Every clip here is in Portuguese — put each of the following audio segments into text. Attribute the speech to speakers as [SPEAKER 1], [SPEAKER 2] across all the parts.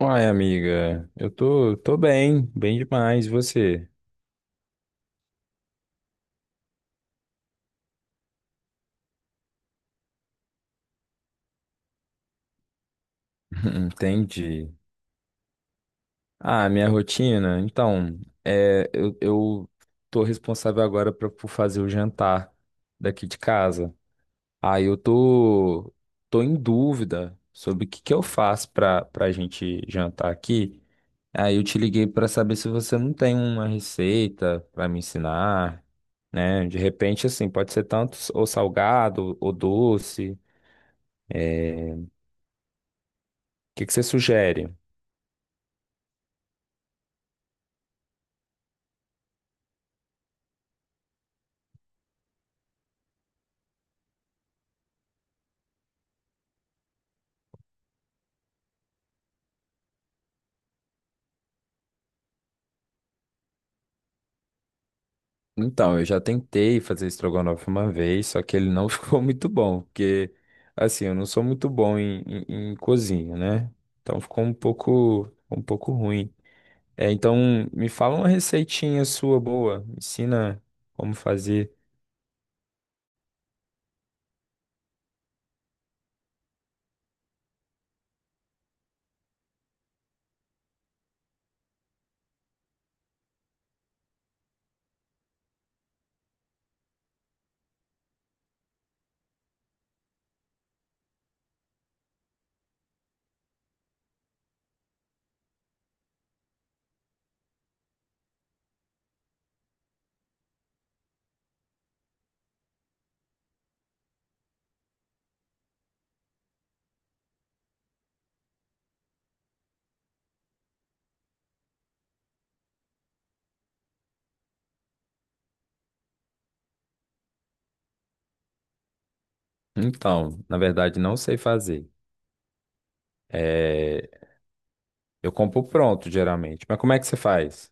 [SPEAKER 1] Uai, amiga, eu tô bem demais. E você? Entendi. Ah, minha rotina? Então, é, eu tô responsável agora por fazer o jantar daqui de casa. Aí eu tô em dúvida sobre o que que eu faço pra gente jantar aqui. Aí eu te liguei pra saber se você não tem uma receita pra me ensinar, né? De repente, assim, pode ser tanto ou salgado ou doce. Que que você sugere? Então, eu já tentei fazer estrogonofe uma vez, só que ele não ficou muito bom, porque, assim, eu não sou muito bom em cozinha, né? Então ficou um pouco ruim. É, então, me fala uma receitinha sua boa, me ensina como fazer. Então, na verdade, não sei fazer. É, eu compro pronto, geralmente. Mas como é que você faz?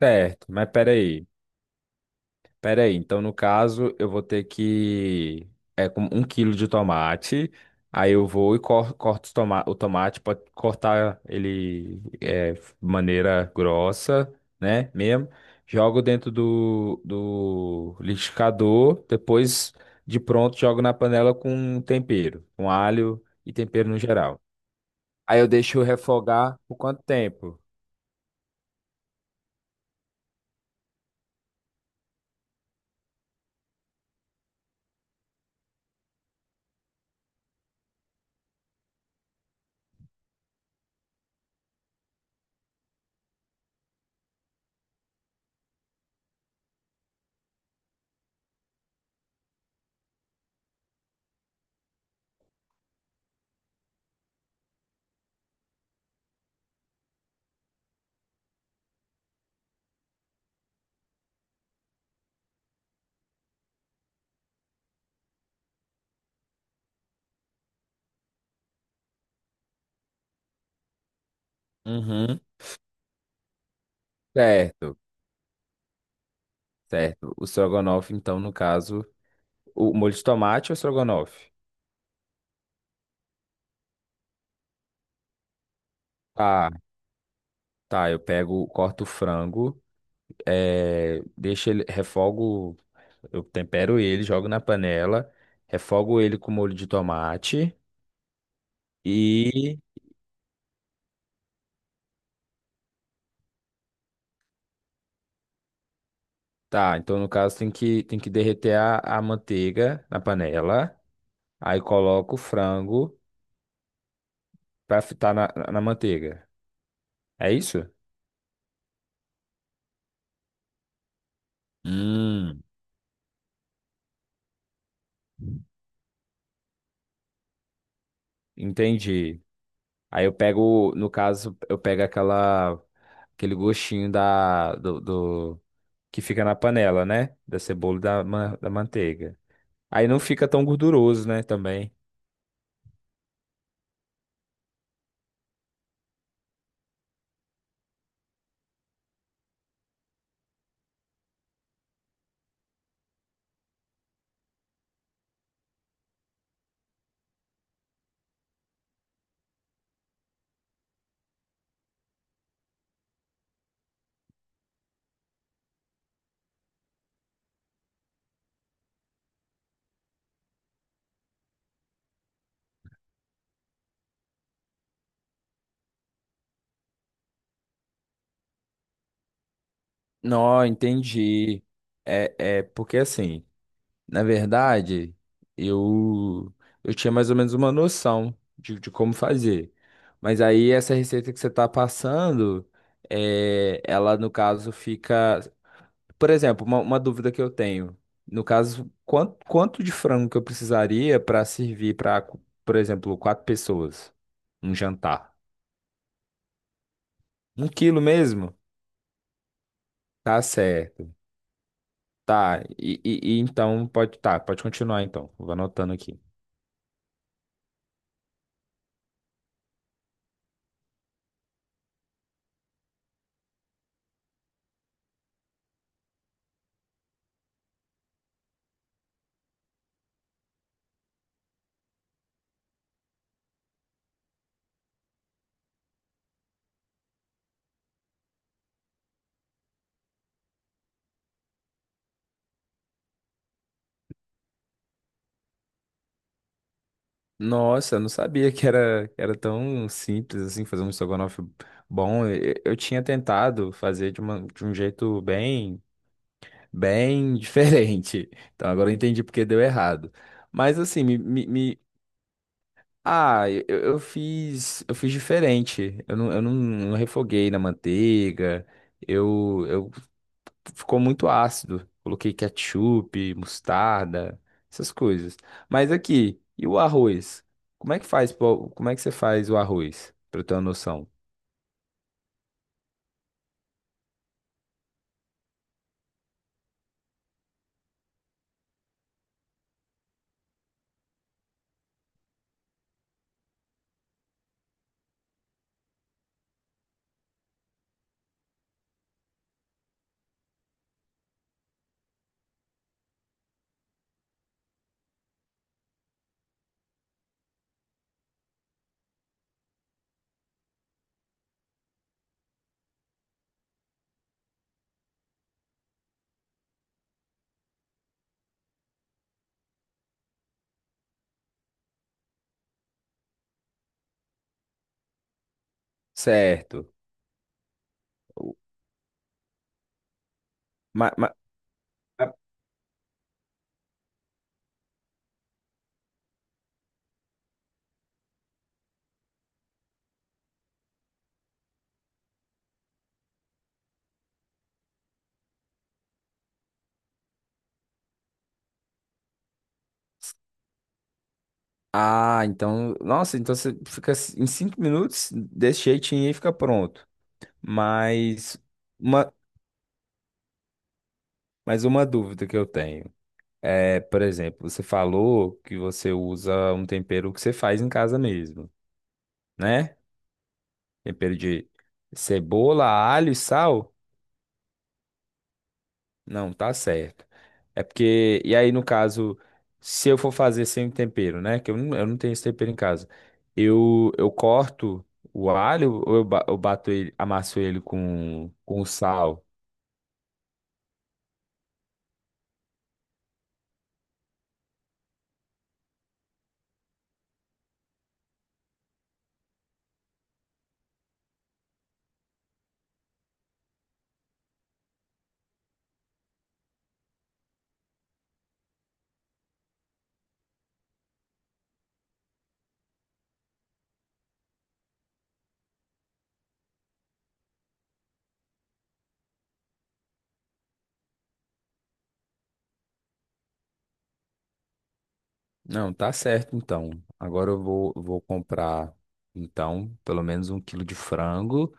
[SPEAKER 1] Certo, mas peraí. Pera aí, então no caso eu vou ter que. É com 1 quilo de tomate. Aí eu vou e corto o tomate para cortar ele de maneira grossa, né? Mesmo. Jogo dentro do liquidificador. Depois, de pronto, jogo na panela com tempero, com alho e tempero no geral. Aí eu deixo refogar por quanto tempo? Uhum. Certo, certo. O strogonoff, então, no caso. O molho de tomate ou estrogonofe? Tá, tá, eu pego, corto o frango, deixo ele, refogo, eu tempero ele, jogo na panela, refogo ele com molho de tomate e tá, então no caso tem que derreter a manteiga na panela, aí coloco o frango pra fritar na manteiga. É isso? Hum, entendi. Aí eu pego, no caso, eu pego aquela aquele gostinho da do que fica na panela, né? Da cebola e da manteiga. Aí não fica tão gorduroso, né? Também. Não, entendi. É porque assim, na verdade, eu eu tinha mais ou menos uma noção de como fazer. Mas aí essa receita que você tá passando, ela no caso fica. Por exemplo, uma dúvida que eu tenho. No caso, quanto de frango que eu precisaria para servir para, por exemplo, quatro pessoas? Um jantar. 1 quilo mesmo? Tá certo. Tá. E então pode. Tá, pode continuar então. Vou anotando aqui. Nossa, eu não sabia que era tão simples assim fazer um estrogonofe bom. Eu tinha tentado fazer de um jeito bem, bem diferente. Então agora eu entendi porque deu errado. Mas assim, me Ah, eu fiz diferente. Eu não refoguei na manteiga. Eu Ficou muito ácido. Coloquei ketchup, mostarda, essas coisas. Mas aqui, e o arroz? Como é que faz, pô? Como é que você faz o arroz? Pra eu ter uma noção. Certo. ma- ma- ah, então, nossa, então você fica em 5 minutos desse jeitinho e fica pronto. Mas uma, mas uma dúvida que eu tenho. É, por exemplo, você falou que você usa um tempero que você faz em casa mesmo, né? Tempero de cebola, alho e sal? Não, tá certo. É porque, e aí no caso, se eu for fazer sem tempero, né? Que eu não tenho esse tempero em casa. Eu corto o alho ou eu bato ele, amasso ele com sal? Não, tá certo então. Agora eu vou comprar, então, pelo menos 1 quilo de frango.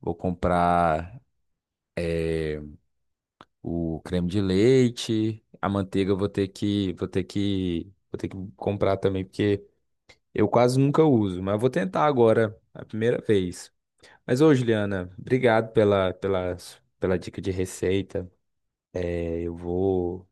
[SPEAKER 1] Vou comprar o creme de leite, a manteiga eu vou ter que, vou ter que, vou ter que comprar também, porque eu quase nunca uso, mas eu vou tentar agora, a primeira vez. Mas ô, Juliana, obrigado pela dica de receita. É, eu vou.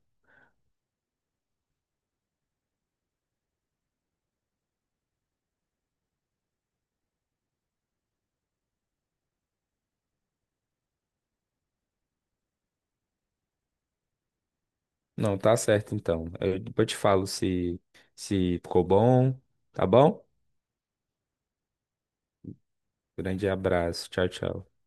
[SPEAKER 1] Não, tá certo então. Eu depois eu te falo se ficou bom, tá bom? Grande abraço. Tchau, tchau.